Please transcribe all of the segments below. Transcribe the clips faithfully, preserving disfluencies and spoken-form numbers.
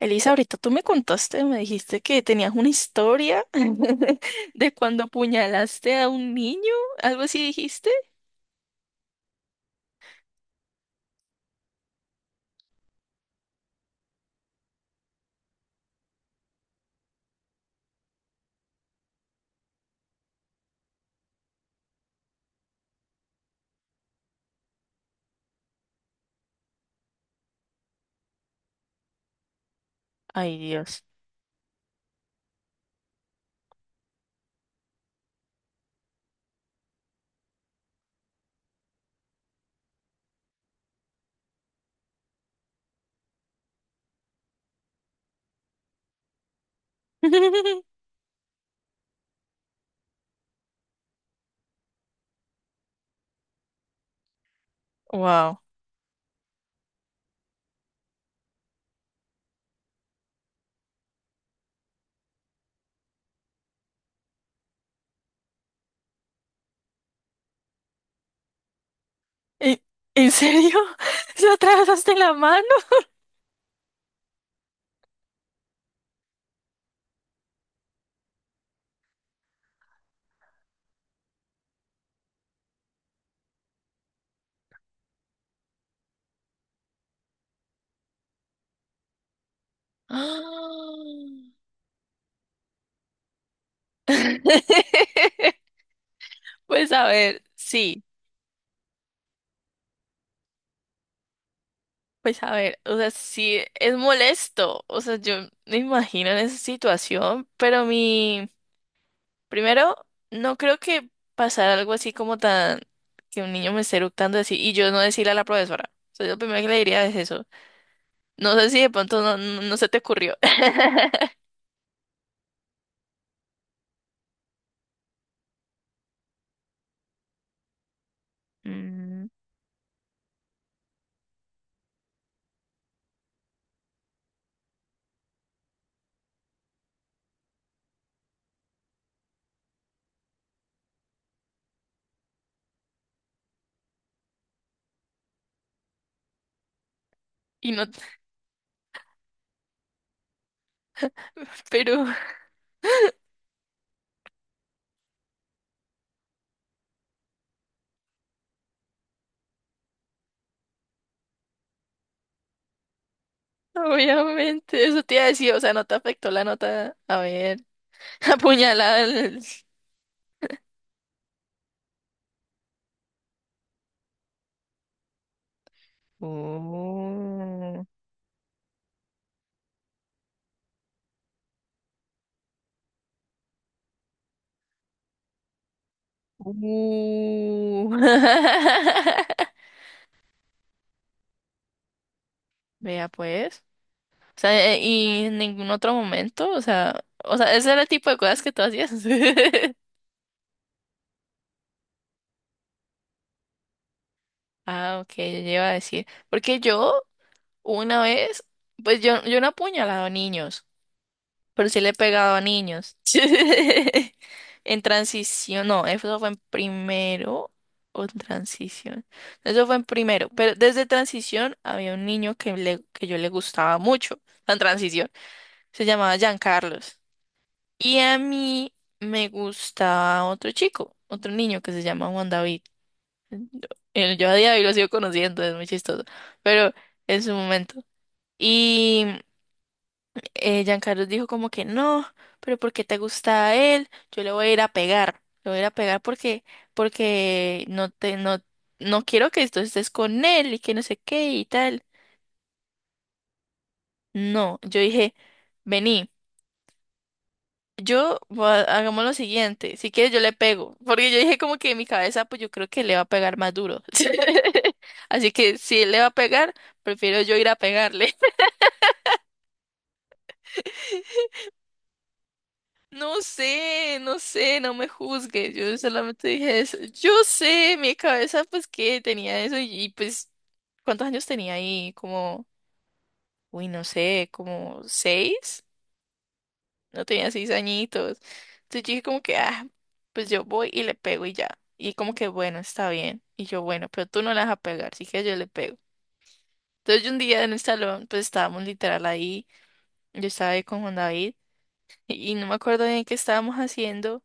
Elisa, ahorita tú me contaste, me dijiste que tenías una historia de cuando apuñalaste a un niño, algo así dijiste. Ay, Dios. Wow. ¿En, en serio? ¿Se atravesaste la mano? Pues a ver, sí, pues a ver, o sea, sí, es molesto, o sea, yo me imagino en esa situación, pero mi, primero, no creo que pasara algo así como tan, que un niño me esté eructando así, y yo no decirle a la profesora, o sea, yo lo primero que le diría es eso, no sé si de pronto no, no, no se te ocurrió. Mm, y no, pero obviamente eso te iba a decir, o sea, no te afectó la nota, a ver, apuñalada. Oh. Uh. Vea pues. O sea, eh, y en ningún otro momento, o sea, o sea, ese era el tipo de cosas que tú hacías. Ah, ok, yo iba a decir. Porque yo, una vez, pues yo, yo no apuñalaba niños. Pero sí le he pegado a niños. En transición, no, eso fue en primero o en transición. Eso fue en primero, pero desde transición había un niño que, le, que yo le gustaba mucho, en transición, se llamaba Giancarlos. Y a mí me gustaba otro chico, otro niño que se llama Juan David. Eh, Yo a día de hoy lo sigo conociendo, es muy chistoso, pero en su momento. Y eh, Giancarlo dijo como que no, pero ¿porque te gusta a él? Yo le voy a ir a pegar, le voy a ir a pegar porque, porque no te, no, no quiero que tú estés con él y que no sé qué y tal. No, yo dije, vení, yo voy a- hagamos lo siguiente, si quieres yo le pego, porque yo dije como que en mi cabeza, pues yo creo que le va a pegar más duro. Así que si él le va a pegar, prefiero yo ir a pegarle. No sé, no sé, no me juzgues. Yo solamente dije eso. Yo sé, mi cabeza, pues que tenía eso y, y, pues, ¿cuántos años tenía ahí? Como, uy, no sé, como seis. No tenía seis añitos. Entonces yo dije como que, ah, pues yo voy y le pego y ya. Y como que, bueno, está bien. Y yo, bueno, pero tú no la vas a pegar, así que yo le pego. Entonces yo un día en el salón, pues estábamos literal ahí. Yo estaba ahí con Juan David y, y no me acuerdo bien qué estábamos haciendo.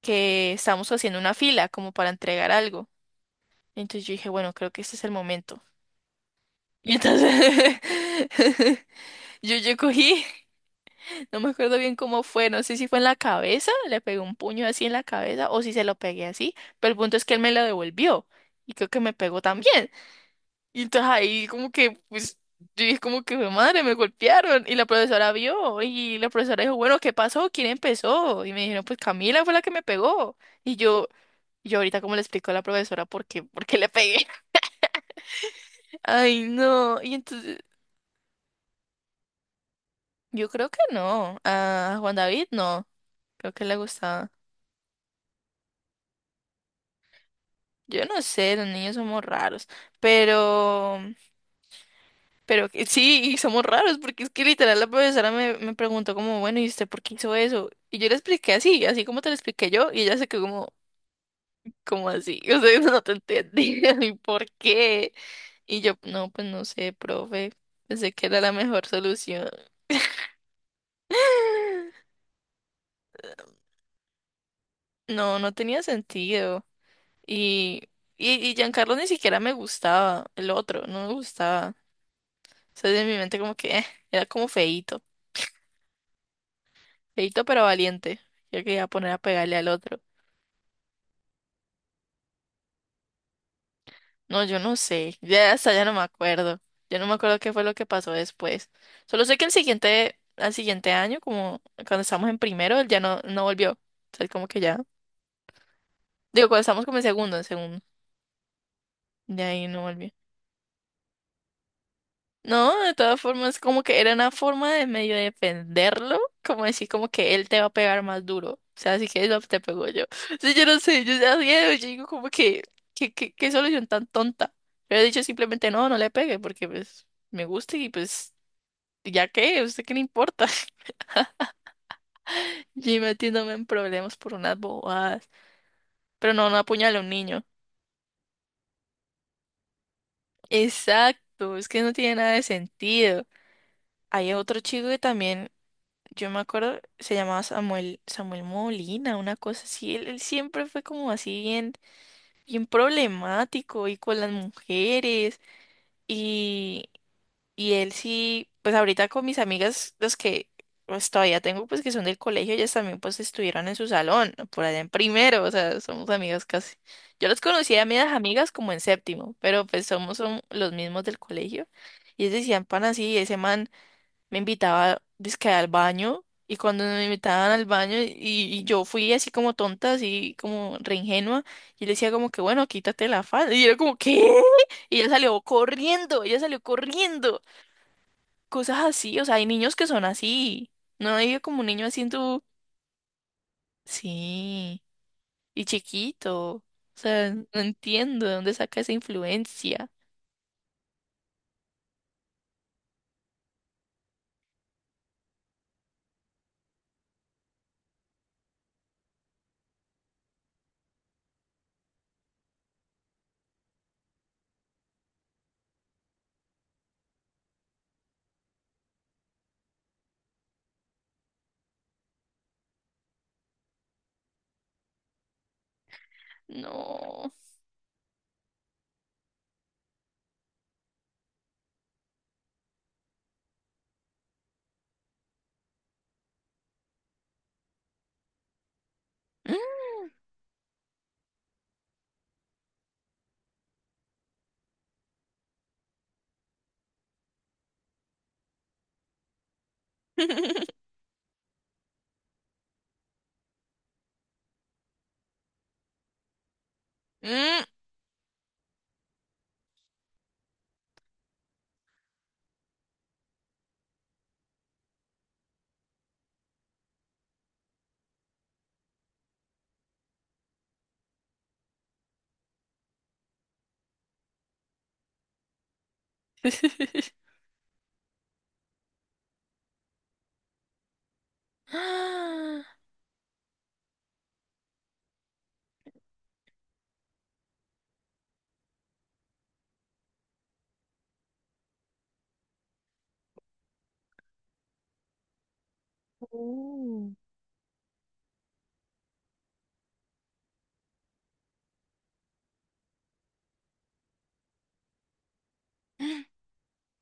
Que estábamos haciendo una fila como para entregar algo. Entonces yo dije, bueno, creo que este es el momento. Y entonces yo, yo cogí, no me acuerdo bien cómo fue, no sé si fue en la cabeza, le pegué un puño así en la cabeza o si se lo pegué así, pero el punto es que él me lo devolvió y creo que me pegó también. Y entonces ahí como que, pues, yo dije como que: "Jue madre, me golpearon" y la profesora vio y la profesora dijo, bueno, ¿qué pasó? ¿Quién empezó? Y me dijeron, pues Camila fue la que me pegó. Y yo... Y yo ahorita como le explico a la profesora por qué, por qué le pegué. Ay, no. Y entonces, yo creo que no. A Juan David no. Creo que le gustaba. Yo no sé, los niños somos raros. Pero, pero que- sí, y somos raros, porque es que literal la profesora me, me preguntó como, bueno, ¿y usted por qué hizo eso? Y yo le expliqué así, así como te lo expliqué yo, y ella se quedó como, como así. O sea, no te entendí. ¿Y por qué? Y yo, no, pues no sé, profe. Pensé que era la mejor solución. No, no tenía sentido. Y, y, y Giancarlo ni siquiera me gustaba, el otro, no me gustaba. O sea, en mi mente como que eh, era como feíto, feíto pero valiente. Yo quería poner a pegarle al otro. No, yo no sé, ya hasta ya no me acuerdo. Yo no me acuerdo qué fue lo que pasó después. Solo sé que el siguiente, al siguiente año, como cuando estábamos en primero, él ya no, no volvió. O sea, él como que ya. Digo, cuando estábamos como en segundo, en segundo. De ahí no volvió. No, de todas formas, como que era una forma de medio defenderlo, como decir como que él te va a pegar más duro. O sea, así que eso te pegó yo. Sí, yo no sé, yo ya yo digo como que, que, que- qué solución tan tonta. Pero he dicho simplemente no, no le pegue, porque pues me gusta y pues ya qué, ¿a usted qué le importa? Yo metiéndome en problemas por unas bobadas. Pero no, no apuñale a un niño. Exacto, es que no tiene nada de sentido. Hay otro chico que también. Yo me acuerdo, se llamaba Samuel, Samuel Molina, una cosa así. Él, él siempre fue como así bien, bien problemático y con las mujeres. Y, y él sí, pues ahorita con mis amigas, los que pues todavía tengo, pues que son del colegio, ellas también pues estuvieron en su salón, por allá en primero, o sea, somos amigas casi. Yo los conocí a mis amigas como en séptimo, pero pues somos son los mismos del colegio. Y ellos decían, pan así, ese man me invitaba dizque al baño y cuando me invitaban al baño y, y yo fui así como tonta, así como re ingenua y le decía como que bueno, quítate la falda y era como ¿qué? Y ella salió corriendo, ella salió corriendo, cosas así, o sea, hay niños que son así, no hay como un niño así en tu... Sí, y chiquito, o sea, no entiendo de dónde saca esa influencia, no. Mm. Mm. Ah. Uh.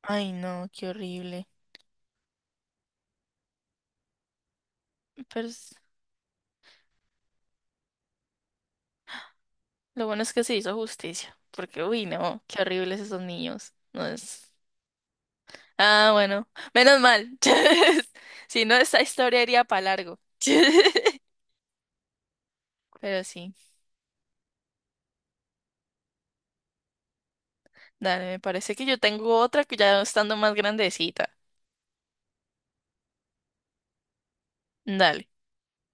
Ay, no, qué horrible. Pero es- lo bueno es que se hizo justicia, porque, uy, no, qué horribles esos niños. No es... Ah, bueno, menos mal. Si no, esta historia iría para largo. Pero sí, dale, me parece que yo tengo otra que ya estando más grandecita. Dale.